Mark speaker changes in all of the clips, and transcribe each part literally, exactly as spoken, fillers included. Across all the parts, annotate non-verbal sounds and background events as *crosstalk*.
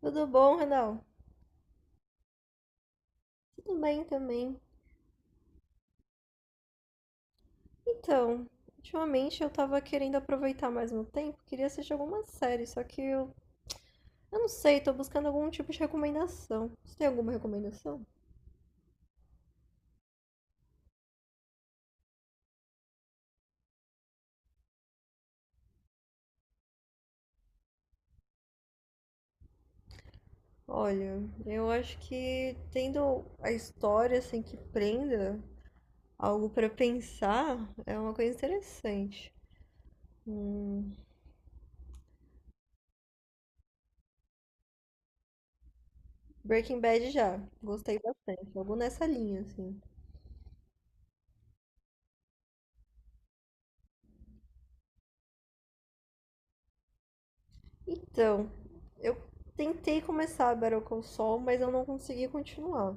Speaker 1: Tudo bom, Renal? Tudo bem também. Então, ultimamente eu tava querendo aproveitar mais meu tempo, queria assistir alguma série, só que eu, eu não sei, tô buscando algum tipo de recomendação. Você tem alguma recomendação? Olha, eu acho que tendo a história assim que prenda algo pra pensar é uma coisa interessante. Hum. Breaking Bad já, gostei bastante, algo nessa linha assim. Então, eu tentei começar a Better Call Saul, mas eu não consegui continuar.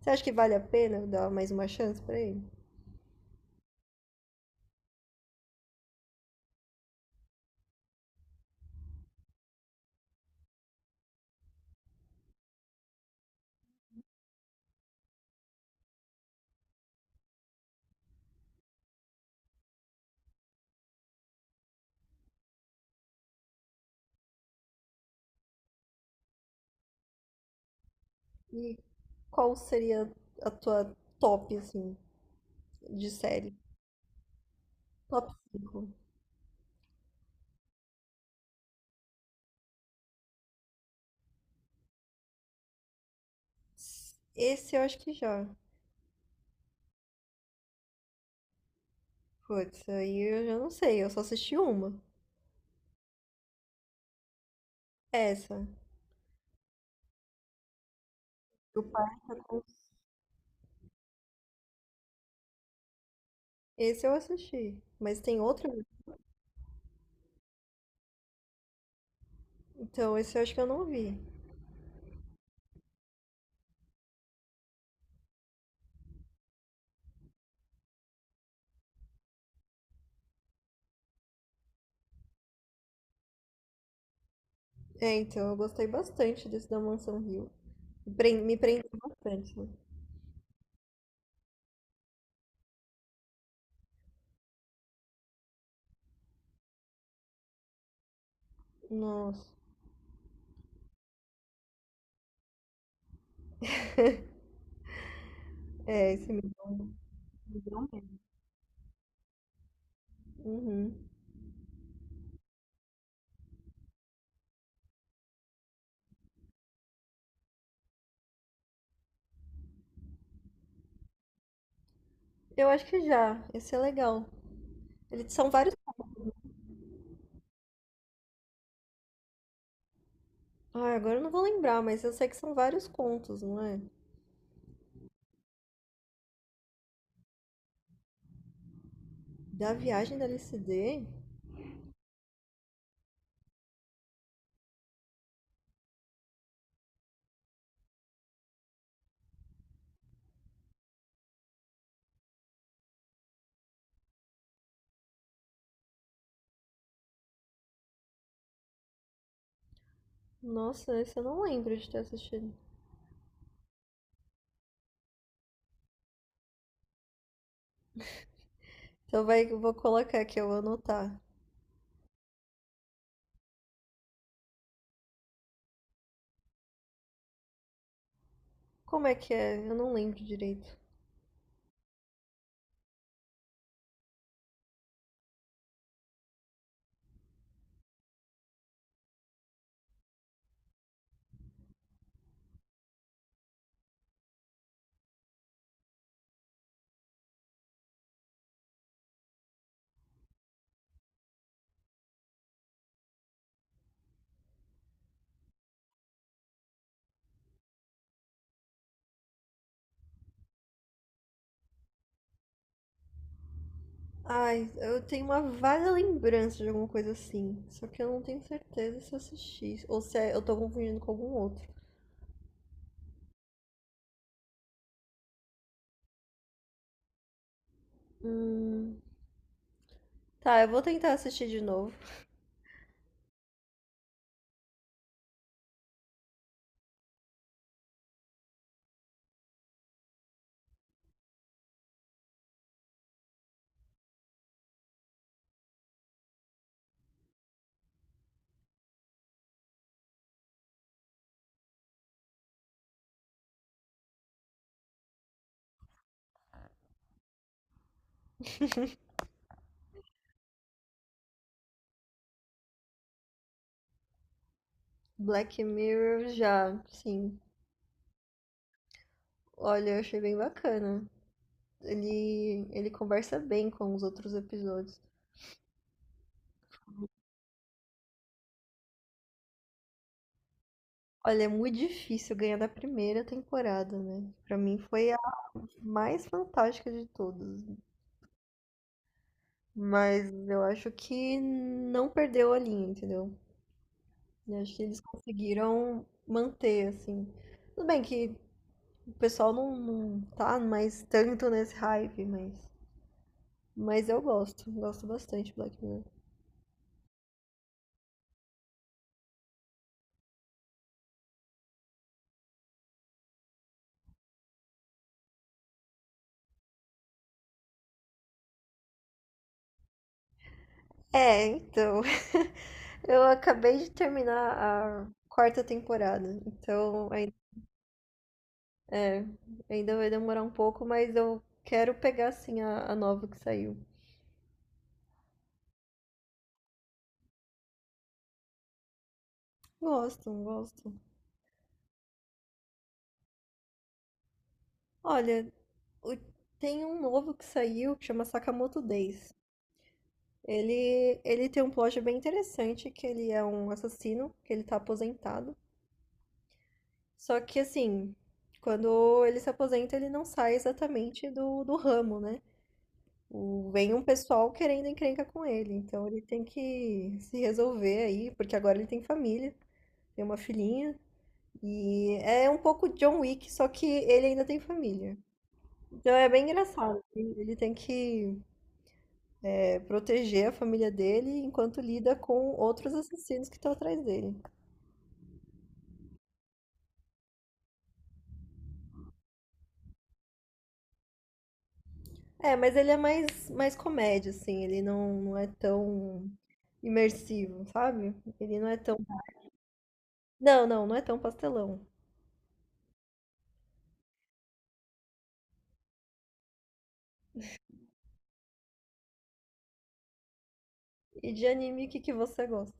Speaker 1: Você acha que vale a pena dar mais uma chance pra ele? E qual seria a tua top, assim, de série? Top cinco. Esse eu acho que já. Putz, aí eu já não sei, eu só assisti uma. Essa. O Parque Aquático. Esse eu assisti, mas tem outra? Então, esse eu acho que eu não vi. É, então, eu gostei bastante desse da Mansão Hill. Pren- me prendeu bastante, né? Nossa. É, esse me deu um- me deu um medo. Uhum. Eu acho que já. Esse é legal. Eles são vários. Ah, agora eu não vou lembrar, mas eu sei que são vários contos, não é? Da viagem da L S D. Nossa, esse eu não lembro de ter assistido. Então vai, eu vou colocar aqui, eu vou anotar. Como é que é? Eu não lembro direito. Ai, eu tenho uma vaga lembrança de alguma coisa assim. Só que eu não tenho certeza se eu assisti. Ou se é- eu tô confundindo com algum outro. Hum. Tá, eu vou tentar assistir de novo. Black Mirror já, sim. Olha, eu achei bem bacana. Ele, ele conversa bem com os outros episódios. Olha, é muito difícil ganhar da primeira temporada, né? Pra mim foi a mais fantástica de todas. Mas eu acho que não perdeu a linha, entendeu? Eu acho que eles conseguiram manter, assim. Tudo bem que o pessoal não, não tá mais tanto nesse hype, mas, mas eu gosto. Gosto bastante de Black Mirror. É, então. *laughs* Eu acabei de terminar a quarta temporada, então ai- é, ainda vai demorar um pouco, mas eu quero pegar sim a, a nova que saiu. Gosto, gosto. Olha, o- tem um novo que saiu que chama Sakamoto Days. Ele, ele tem um plot bem interessante, que ele é um assassino, que ele tá aposentado. Só que assim, quando ele se aposenta, ele não sai exatamente do, do ramo, né? o- vem um pessoal querendo encrenca com ele. Então ele tem que se resolver aí, porque agora ele tem família, tem uma filhinha. E é um pouco John Wick, só que ele ainda tem família. Então é bem engraçado. Ele ele tem que é, proteger a família dele enquanto lida com outros assassinos que estão atrás dele. É, mas ele é mais, mais comédia, assim. Ele não, não é tão imersivo, sabe? Ele não é tão. Não, não, não é tão pastelão. E de anime, o que que você gosta?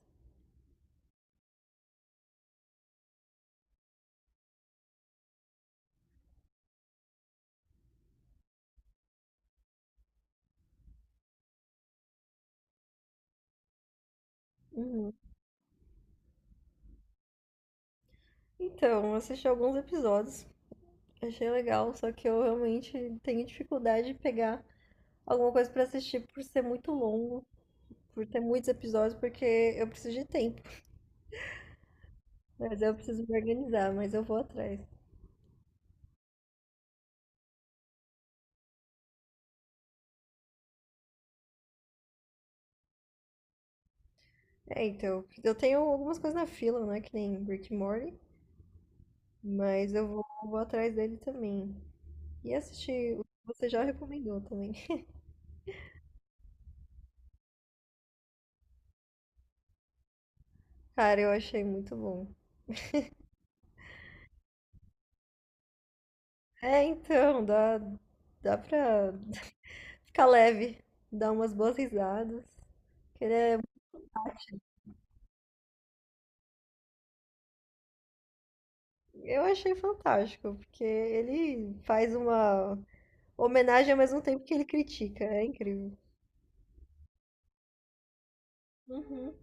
Speaker 1: Uhum. Então, eu assisti alguns episódios, achei legal, só que eu realmente tenho dificuldade de pegar alguma coisa pra assistir por ser muito longo, por ter muitos episódios, porque eu preciso de tempo. Mas eu preciso me organizar, mas eu vou atrás. É, então, eu tenho algumas coisas na fila, né, que nem Rick and Morty, mas eu vou, vou atrás dele também. E assistir o que você já recomendou também. *laughs* Cara, eu achei muito bom. É, então, dá, dá pra *laughs* ficar leve, dar umas boas risadas. Que ele é- eu achei fantástico, porque ele faz uma homenagem ao mesmo tempo que ele critica. É incrível. Uhum.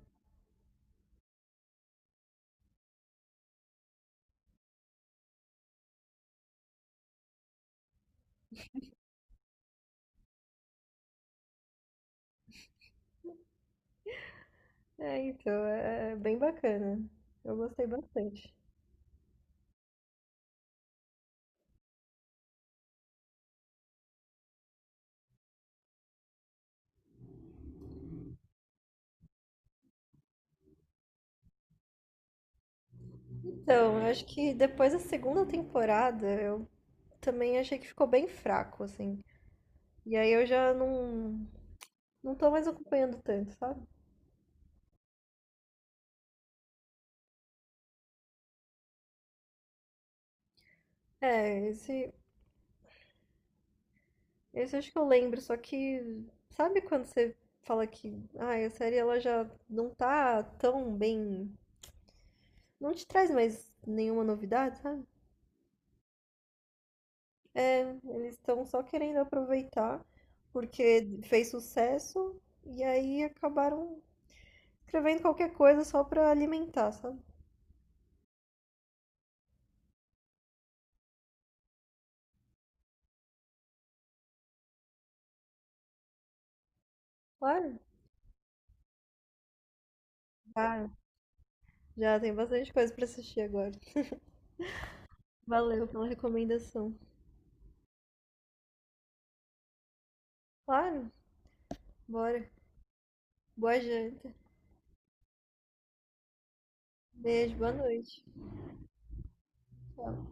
Speaker 1: É, então, é é bem bacana. Eu gostei bastante. Então, eu acho que depois da segunda temporada, eu também achei que ficou bem fraco, assim. E aí eu já não, não tô mais acompanhando tanto, sabe? É, esse, esse acho que eu lembro, só que sabe quando você fala que, ah a série ela já não tá tão bem não te traz mais nenhuma novidade, sabe? Eles estão só querendo aproveitar porque fez sucesso e aí acabaram escrevendo qualquer coisa só pra alimentar, sabe? Claro, claro. Já tem bastante coisa pra assistir agora. Valeu pela recomendação. Claro, bora. Boa janta. Beijo, boa noite. Tchau.